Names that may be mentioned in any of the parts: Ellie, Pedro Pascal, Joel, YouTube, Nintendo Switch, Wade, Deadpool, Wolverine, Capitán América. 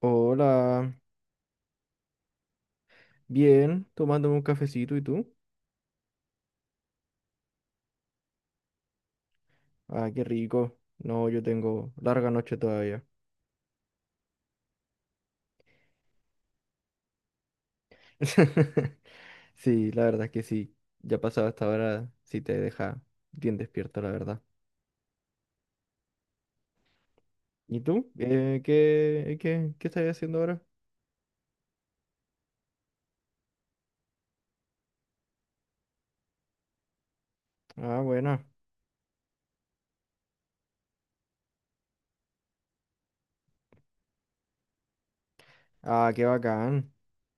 Hola, bien, tomándome un cafecito, ¿y tú? Ah, qué rico. No, yo tengo larga noche todavía. Sí, la verdad es que sí. Ya pasado esta hora, sí te deja bien despierto, la verdad. ¿Y tú? ¿Qué estás haciendo ahora? Ah, buena. Ah, qué bacán.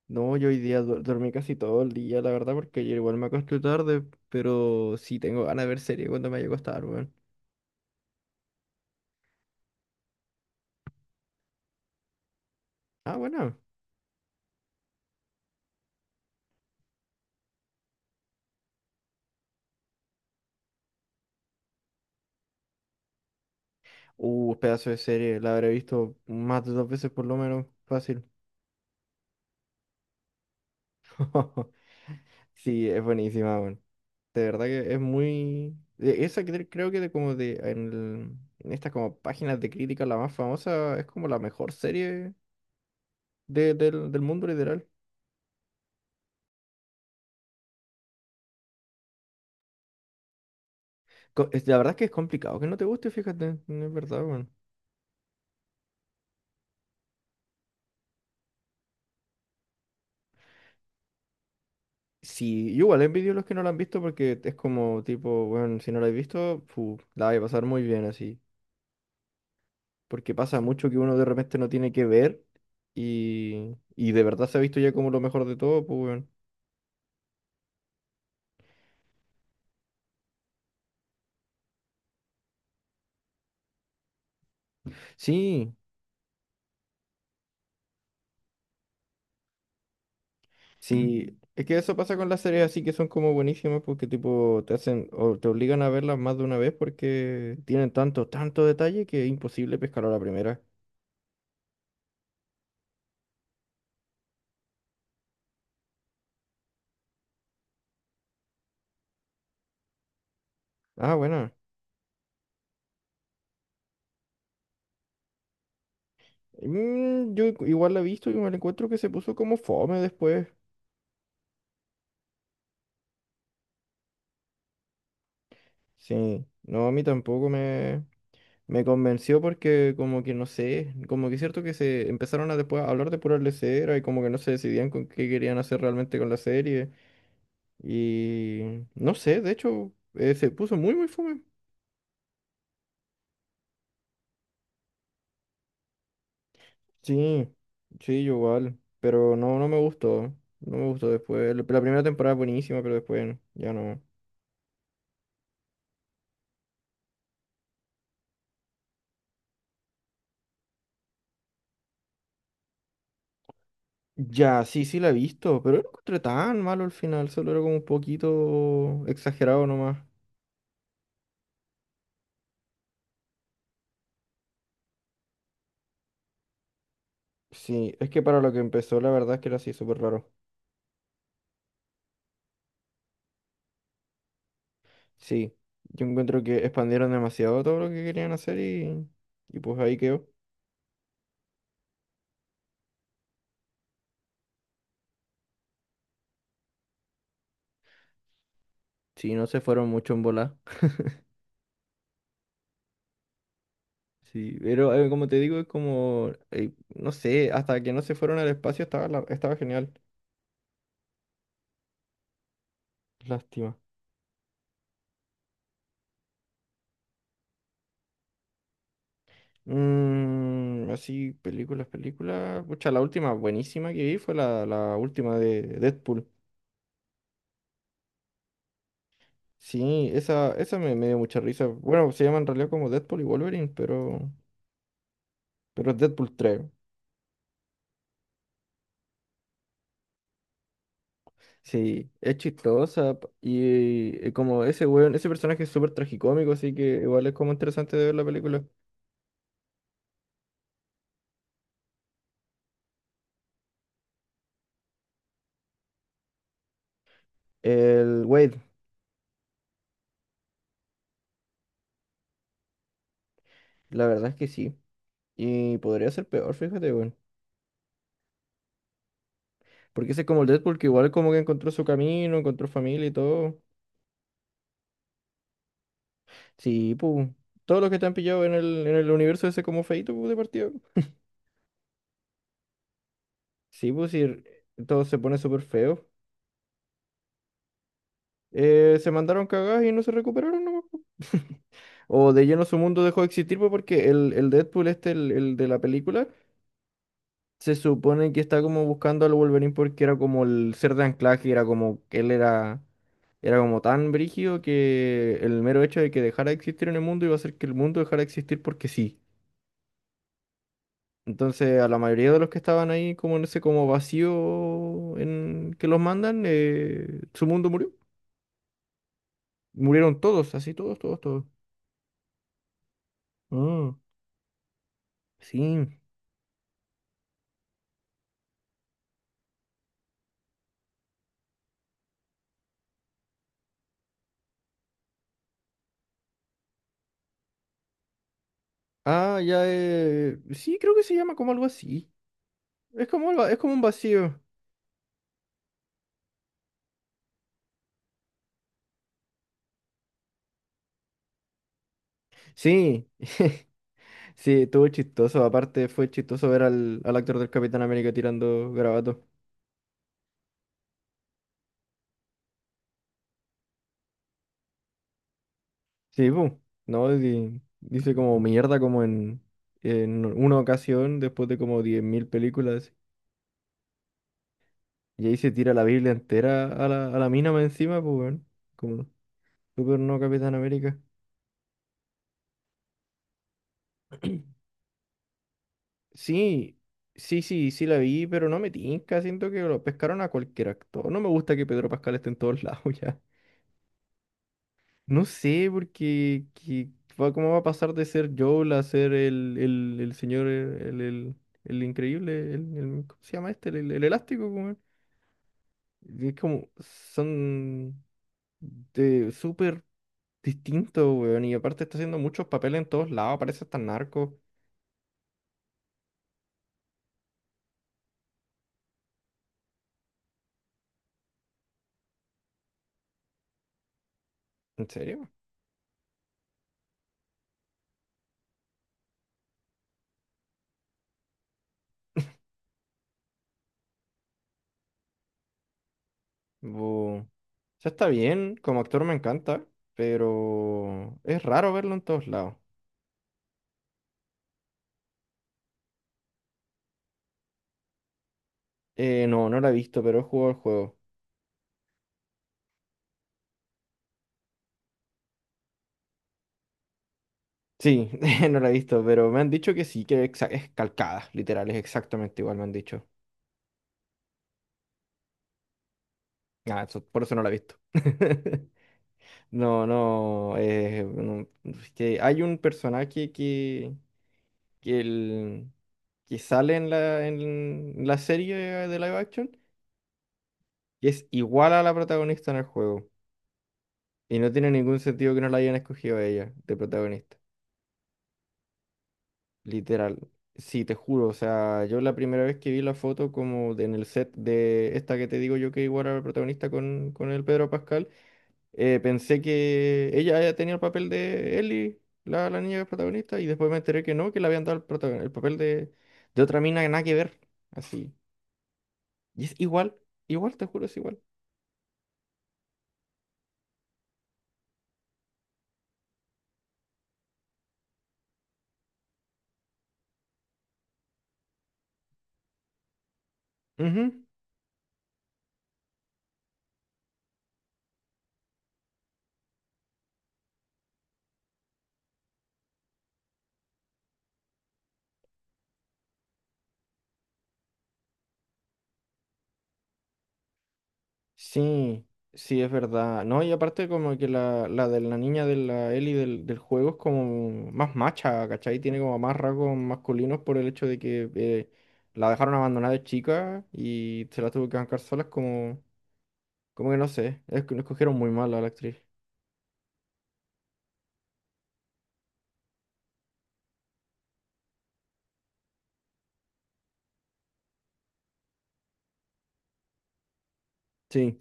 No, yo hoy día dormí casi todo el día, la verdad, porque ayer igual me acosté tarde, pero sí tengo ganas de ver serie cuando me haya acostado, weón. Ah, bueno. Pedazo de serie, la habré visto más de dos veces por lo menos, fácil. Sí, es buenísima, weón. De verdad que es muy de esa creo que de como de, en, en estas como páginas de crítica, la más famosa, es como la mejor serie del mundo, literal. La verdad es que es complicado que no te guste, fíjate, no es verdad, weón. Sí, yo igual envidio a los que no la han visto porque es como tipo, bueno, si no la has visto, fu, la vas a pasar muy bien así. Porque pasa mucho que uno de repente no tiene que ver y de verdad se ha visto ya como lo mejor de todo, pues weón. Sí, sí, es que eso pasa con las series así que son como buenísimas porque tipo te hacen o te obligan a verlas más de una vez porque tienen tanto, tanto detalle que es imposible pescar a la primera. Ah, bueno. Yo igual la he visto y me la encuentro que se puso como fome después. Sí, no, a mí tampoco me convenció porque como que no sé, como que es cierto que se empezaron a después a hablar de pura lesera y como que no se decidían con qué querían hacer realmente con la serie. Y no sé, de hecho, se puso muy muy fome. Sí, sí, yo igual. Pero no, no me gustó. No me gustó después. La primera temporada es buenísima, pero después ya no. Ya, sí, sí la he visto, pero no lo encontré tan malo al final, solo era como un poquito exagerado nomás. Sí, es que para lo que empezó, la verdad es que era así súper raro. Sí, yo encuentro que expandieron demasiado todo lo que querían hacer y pues ahí quedó. Sí, no se fueron mucho en volar. Sí, pero como te digo, es como, no sé, hasta que no se fueron al espacio estaba, estaba genial. Lástima. Así, películas, películas. Pucha, la última buenísima que vi fue la última de Deadpool. Sí, esa me dio mucha risa. Bueno, se llama en realidad como Deadpool y Wolverine, pero es Deadpool 3. Sí, es chistosa. Y como ese weón, ese personaje es súper tragicómico, así que igual es como interesante de ver la película. El Wade. La verdad es que sí. Y podría ser peor, fíjate, weón. Porque ese es como el Deadpool que igual como que encontró su camino, encontró familia y todo. Sí, pues. Todos los que te han pillado en el universo ese como feito pu, de partida. Sí, pues sí, todo se pone súper feo. Se mandaron cagadas y no se recuperaron, ¿no? O de lleno su mundo dejó de existir, pues, porque el Deadpool este, el de la película. Se supone que está como buscando al Wolverine porque era como el ser de anclaje, era como que él era como tan brígido que el mero hecho de que dejara de existir en el mundo iba a hacer que el mundo dejara de existir porque sí. Entonces a la mayoría de los que estaban ahí como en ese como vacío en que los mandan, su mundo murió. Murieron todos, así todos, todos, todos. Ah, sí. Ah, ya, sí, creo que se llama como algo así. Es como, es como un vacío. Sí. Sí, estuvo chistoso. Aparte, fue chistoso ver al actor del Capitán América tirando garabato. Sí, pum. No, dice como mierda, como en una ocasión, después de como 10.000 películas. Y ahí se tira la Biblia entera a la mina más encima, pues, weón. Como súper no Capitán América. Sí, sí, sí, sí la vi, pero no me tinca. Siento que lo pescaron a cualquier actor. No me gusta que Pedro Pascal esté en todos lados ya. No sé, porque que va, cómo va a pasar de ser Joel a ser el, señor, el increíble, ¿cómo se llama este? El elástico, weón. Y es como, son de súper distintos, weón. Y aparte está haciendo muchos papeles en todos lados, parece hasta narco. ¿En serio? O sea, está bien, como actor me encanta, pero es raro verlo en todos lados. No, no lo he visto, pero he jugado el juego. Sí, no la he visto, pero me han dicho que sí, que es calcada, literal, es exactamente igual, me han dicho. Ah, por eso no la he visto. No, no, no, es que hay un personaje que, que, el- que sale en la serie de live action que es igual a la protagonista en el juego. Y no tiene ningún sentido que no la hayan escogido a ella de protagonista. Literal. Sí, te juro. O sea, yo la primera vez que vi la foto como en el set de esta que te digo yo que igual era el protagonista con el Pedro Pascal, pensé que ella ya tenía el papel de Ellie, la niña que es protagonista, y después me enteré que no, que le habían dado el papel de otra mina que nada que ver. Así. Y es igual, igual, te juro, es igual. Ujú. Sí, sí, es verdad. No, y aparte como que la de la niña de la Ellie del juego es como más macha, ¿cachai? Tiene como más rasgos masculinos por el hecho de que la dejaron abandonada de chica y se la tuvo que bancar sola. Es como, como que no sé, es que lo escogieron muy mal a la actriz. Sí,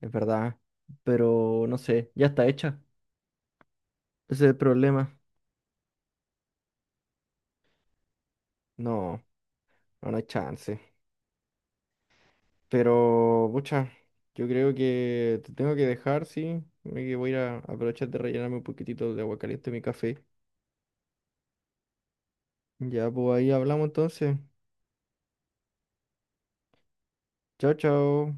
es verdad. Pero no sé, ya está hecha. Ese es el problema. No, no hay chance. Pero, pucha, yo creo que te tengo que dejar, sí. Me que voy a ir a aprovechar de rellenarme un poquitito de agua caliente en mi café. Ya, pues ahí hablamos entonces. Chao, chao.